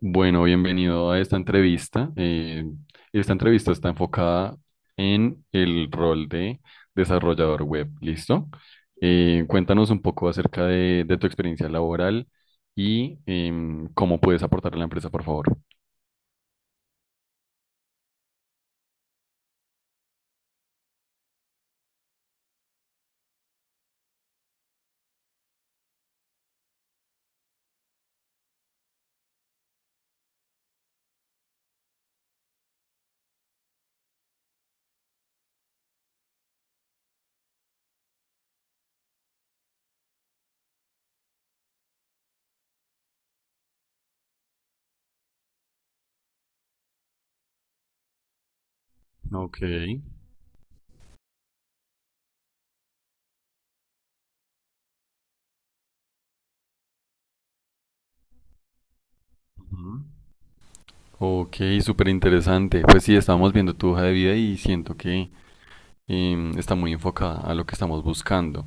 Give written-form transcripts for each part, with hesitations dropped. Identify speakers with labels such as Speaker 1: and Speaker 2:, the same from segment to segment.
Speaker 1: Bueno, bienvenido a esta entrevista. Esta entrevista está enfocada en el rol de desarrollador web, ¿listo? Cuéntanos un poco acerca de tu experiencia laboral y cómo puedes aportar a la empresa, por favor. Ok. Ujú. Ok, súper interesante. Pues sí, estábamos viendo tu hoja de vida y siento que está muy enfocada a lo que estamos buscando,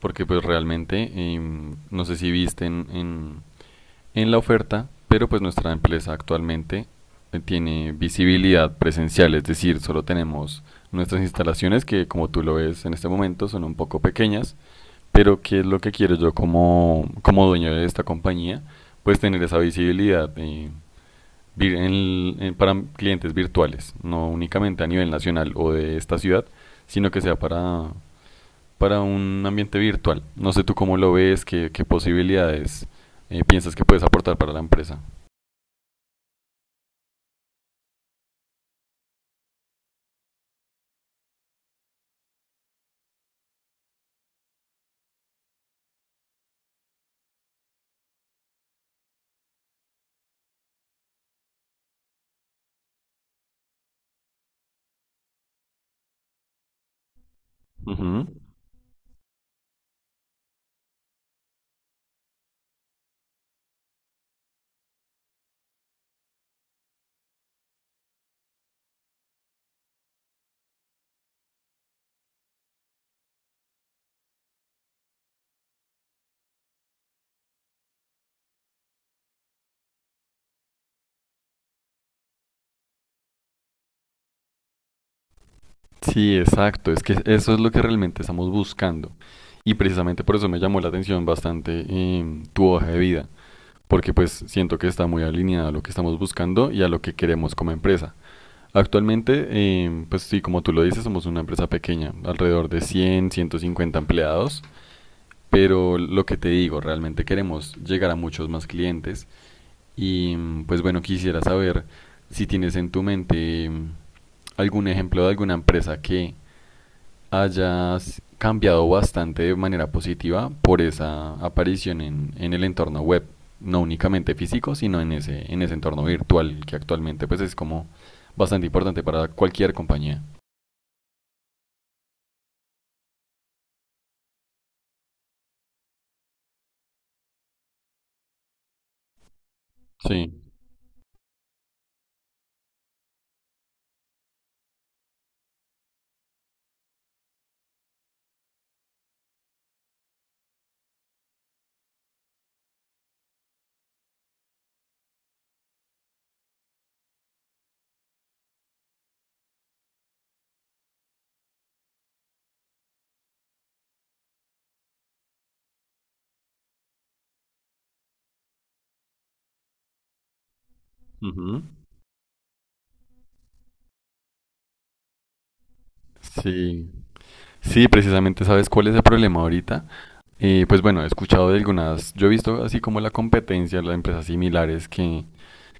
Speaker 1: porque pues realmente, no sé si viste en la oferta, pero pues nuestra empresa actualmente tiene visibilidad presencial, es decir, solo tenemos nuestras instalaciones que como tú lo ves en este momento son un poco pequeñas, pero ¿qué es lo que quiero yo como dueño de esta compañía? Pues tener esa visibilidad en para clientes virtuales, no únicamente a nivel nacional o de esta ciudad, sino que sea para un ambiente virtual. No sé tú cómo lo ves, qué posibilidades piensas que puedes aportar para la empresa. Ujú. Sí, exacto. Es que eso es lo que realmente estamos buscando. Y precisamente por eso me llamó la atención bastante tu hoja de vida, porque pues siento que está muy alineada a lo que estamos buscando y a lo que queremos como empresa. Actualmente, pues sí, como tú lo dices, somos una empresa pequeña, alrededor de 100, 150 empleados, pero lo que te digo, realmente queremos llegar a muchos más clientes. Y pues bueno, quisiera saber si tienes en tu mente algún ejemplo de alguna empresa que hayas cambiado bastante de manera positiva por esa aparición en el entorno web, no únicamente físico, sino en en ese entorno virtual que actualmente pues es como bastante importante para cualquier compañía. Sí. Ujú. Sí, sí, precisamente sabes cuál es el problema ahorita. Pues bueno, he escuchado de algunas, yo he visto así como la competencia, las empresas similares que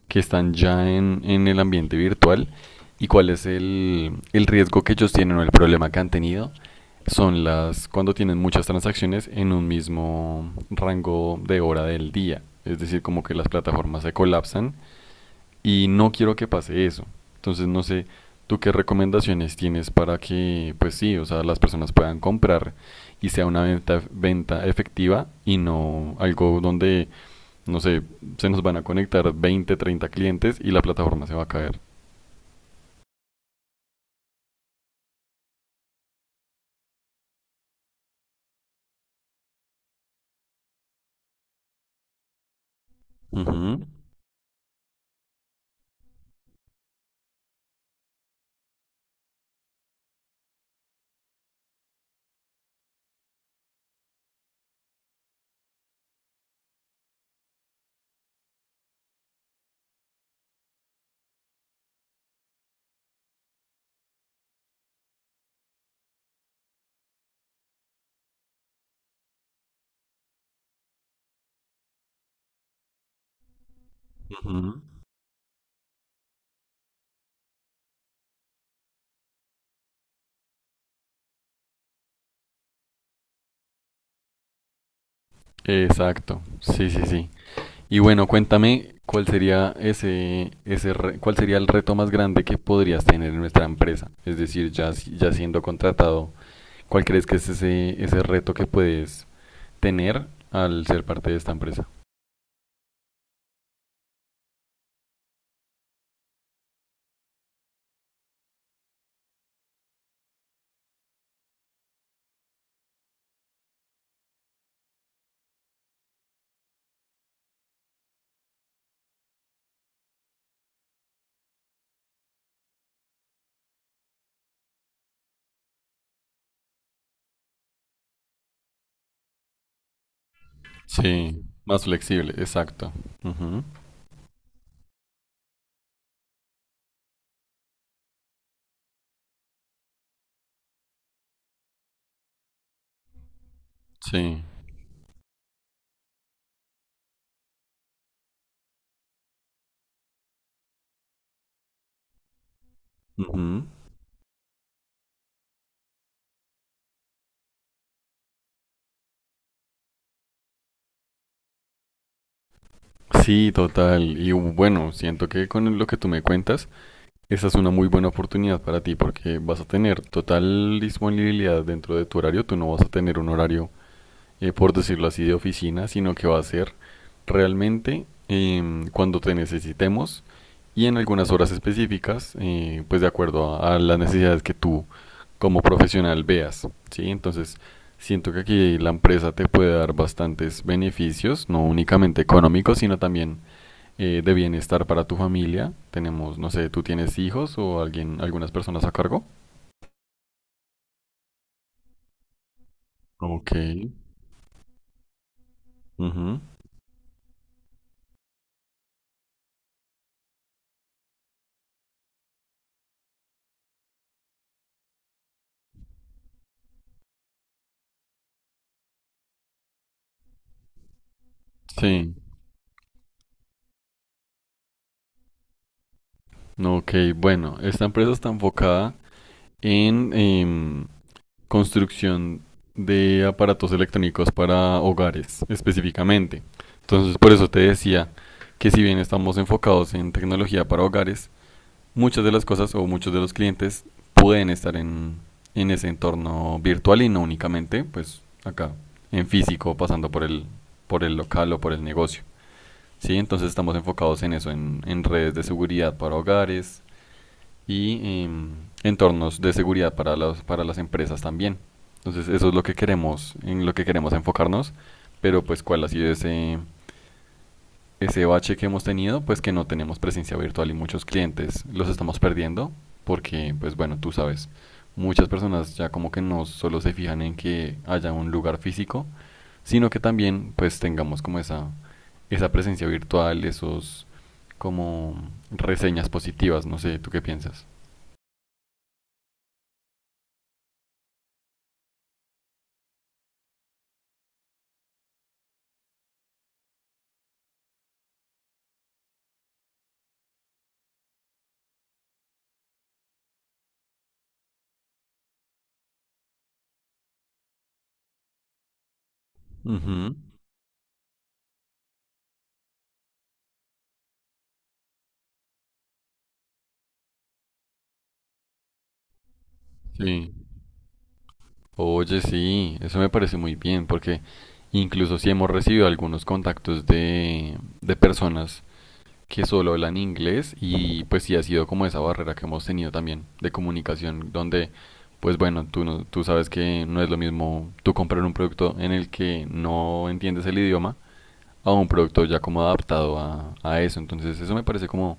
Speaker 1: que están ya en el ambiente virtual y cuál es el riesgo que ellos tienen o el problema que han tenido son las cuando tienen muchas transacciones en un mismo rango de hora del día. Es decir, como que las plataformas se colapsan y no quiero que pase eso. Entonces, no sé, ¿tú qué recomendaciones tienes para que, pues sí, o sea, las personas puedan comprar y sea una venta, venta efectiva y no algo donde no sé, se nos van a conectar 20, 30 clientes y la plataforma se va a caer. Ujú, ujú. Exacto, sí, sí, sí. Y bueno, cuéntame cuál sería ese re- cuál sería el reto más grande que podrías tener en nuestra empresa. Es decir, ya, si- ya siendo contratado, ¿cuál crees que es ese reto que puedes tener al ser parte de esta empresa? Sí, más flexible, exacto. Ujú. Sí. Ujú. Sí, total. Y bueno, siento que con lo que tú me cuentas, esa es una muy buena oportunidad para ti porque vas a tener total disponibilidad dentro de tu horario. Tú no vas a tener un horario, por decirlo así, de oficina, sino que va a ser realmente, cuando te necesitemos y en algunas horas específicas, pues de acuerdo a las necesidades que tú como profesional veas, ¿sí? Entonces, siento que aquí la empresa te puede dar bastantes beneficios, no únicamente económicos, sino también de bienestar para tu familia. Tenemos, no sé, ¿tú tienes hijos o alguien, algunas personas a cargo? Ok. Ujú. Sí. No, ok, bueno, esta empresa está enfocada en construcción de aparatos electrónicos para hogares, específicamente. Entonces, por eso te decía que si bien estamos enfocados en tecnología para hogares, muchas de las cosas o muchos de los clientes pueden estar en ese entorno virtual y no únicamente pues acá en físico pasando por por el local o por el negocio, ¿sí? Entonces estamos enfocados en eso, en redes de seguridad para hogares y entornos de seguridad para las empresas también. Entonces eso es lo que queremos, en lo que queremos enfocarnos, pero pues cuál ha sido ese bache que hemos tenido, pues que no tenemos presencia virtual y muchos clientes los estamos perdiendo porque, pues bueno, tú sabes, muchas personas ya como que no solo se fijan en que haya un lugar físico, sino que también pues tengamos como esa presencia virtual, esos como reseñas positivas, no sé, ¿tú qué piensas? Ujú. Sí. Oye, sí, eso me parece muy bien porque incluso si hemos recibido algunos contactos de personas que solo hablan inglés y pues sí ha sido como esa barrera que hemos tenido también de comunicación donde pues bueno, tú, no- tú sabes que no es lo mismo tú comprar un producto en el que no entiendes el idioma a un producto ya como adaptado a eso. Entonces eso me parece como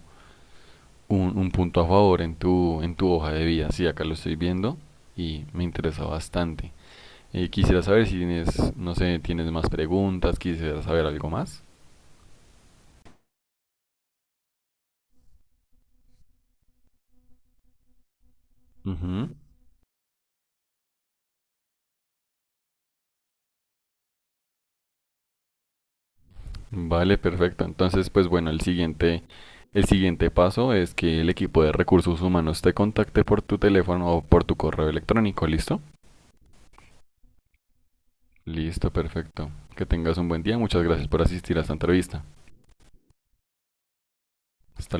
Speaker 1: un punto a favor en en tu hoja de vida. Sí, acá lo estoy viendo y me interesa bastante. Quisiera saber si tienes, no sé, tienes más preguntas, quisiera saber algo más. Ujú. Vale, perfecto. Entonces, pues bueno, el siguiente paso es que el equipo de recursos humanos te contacte por tu teléfono o por tu correo electrónico, ¿listo? Listo, perfecto. Que tengas un buen día. Muchas gracias por asistir a esta entrevista. Hasta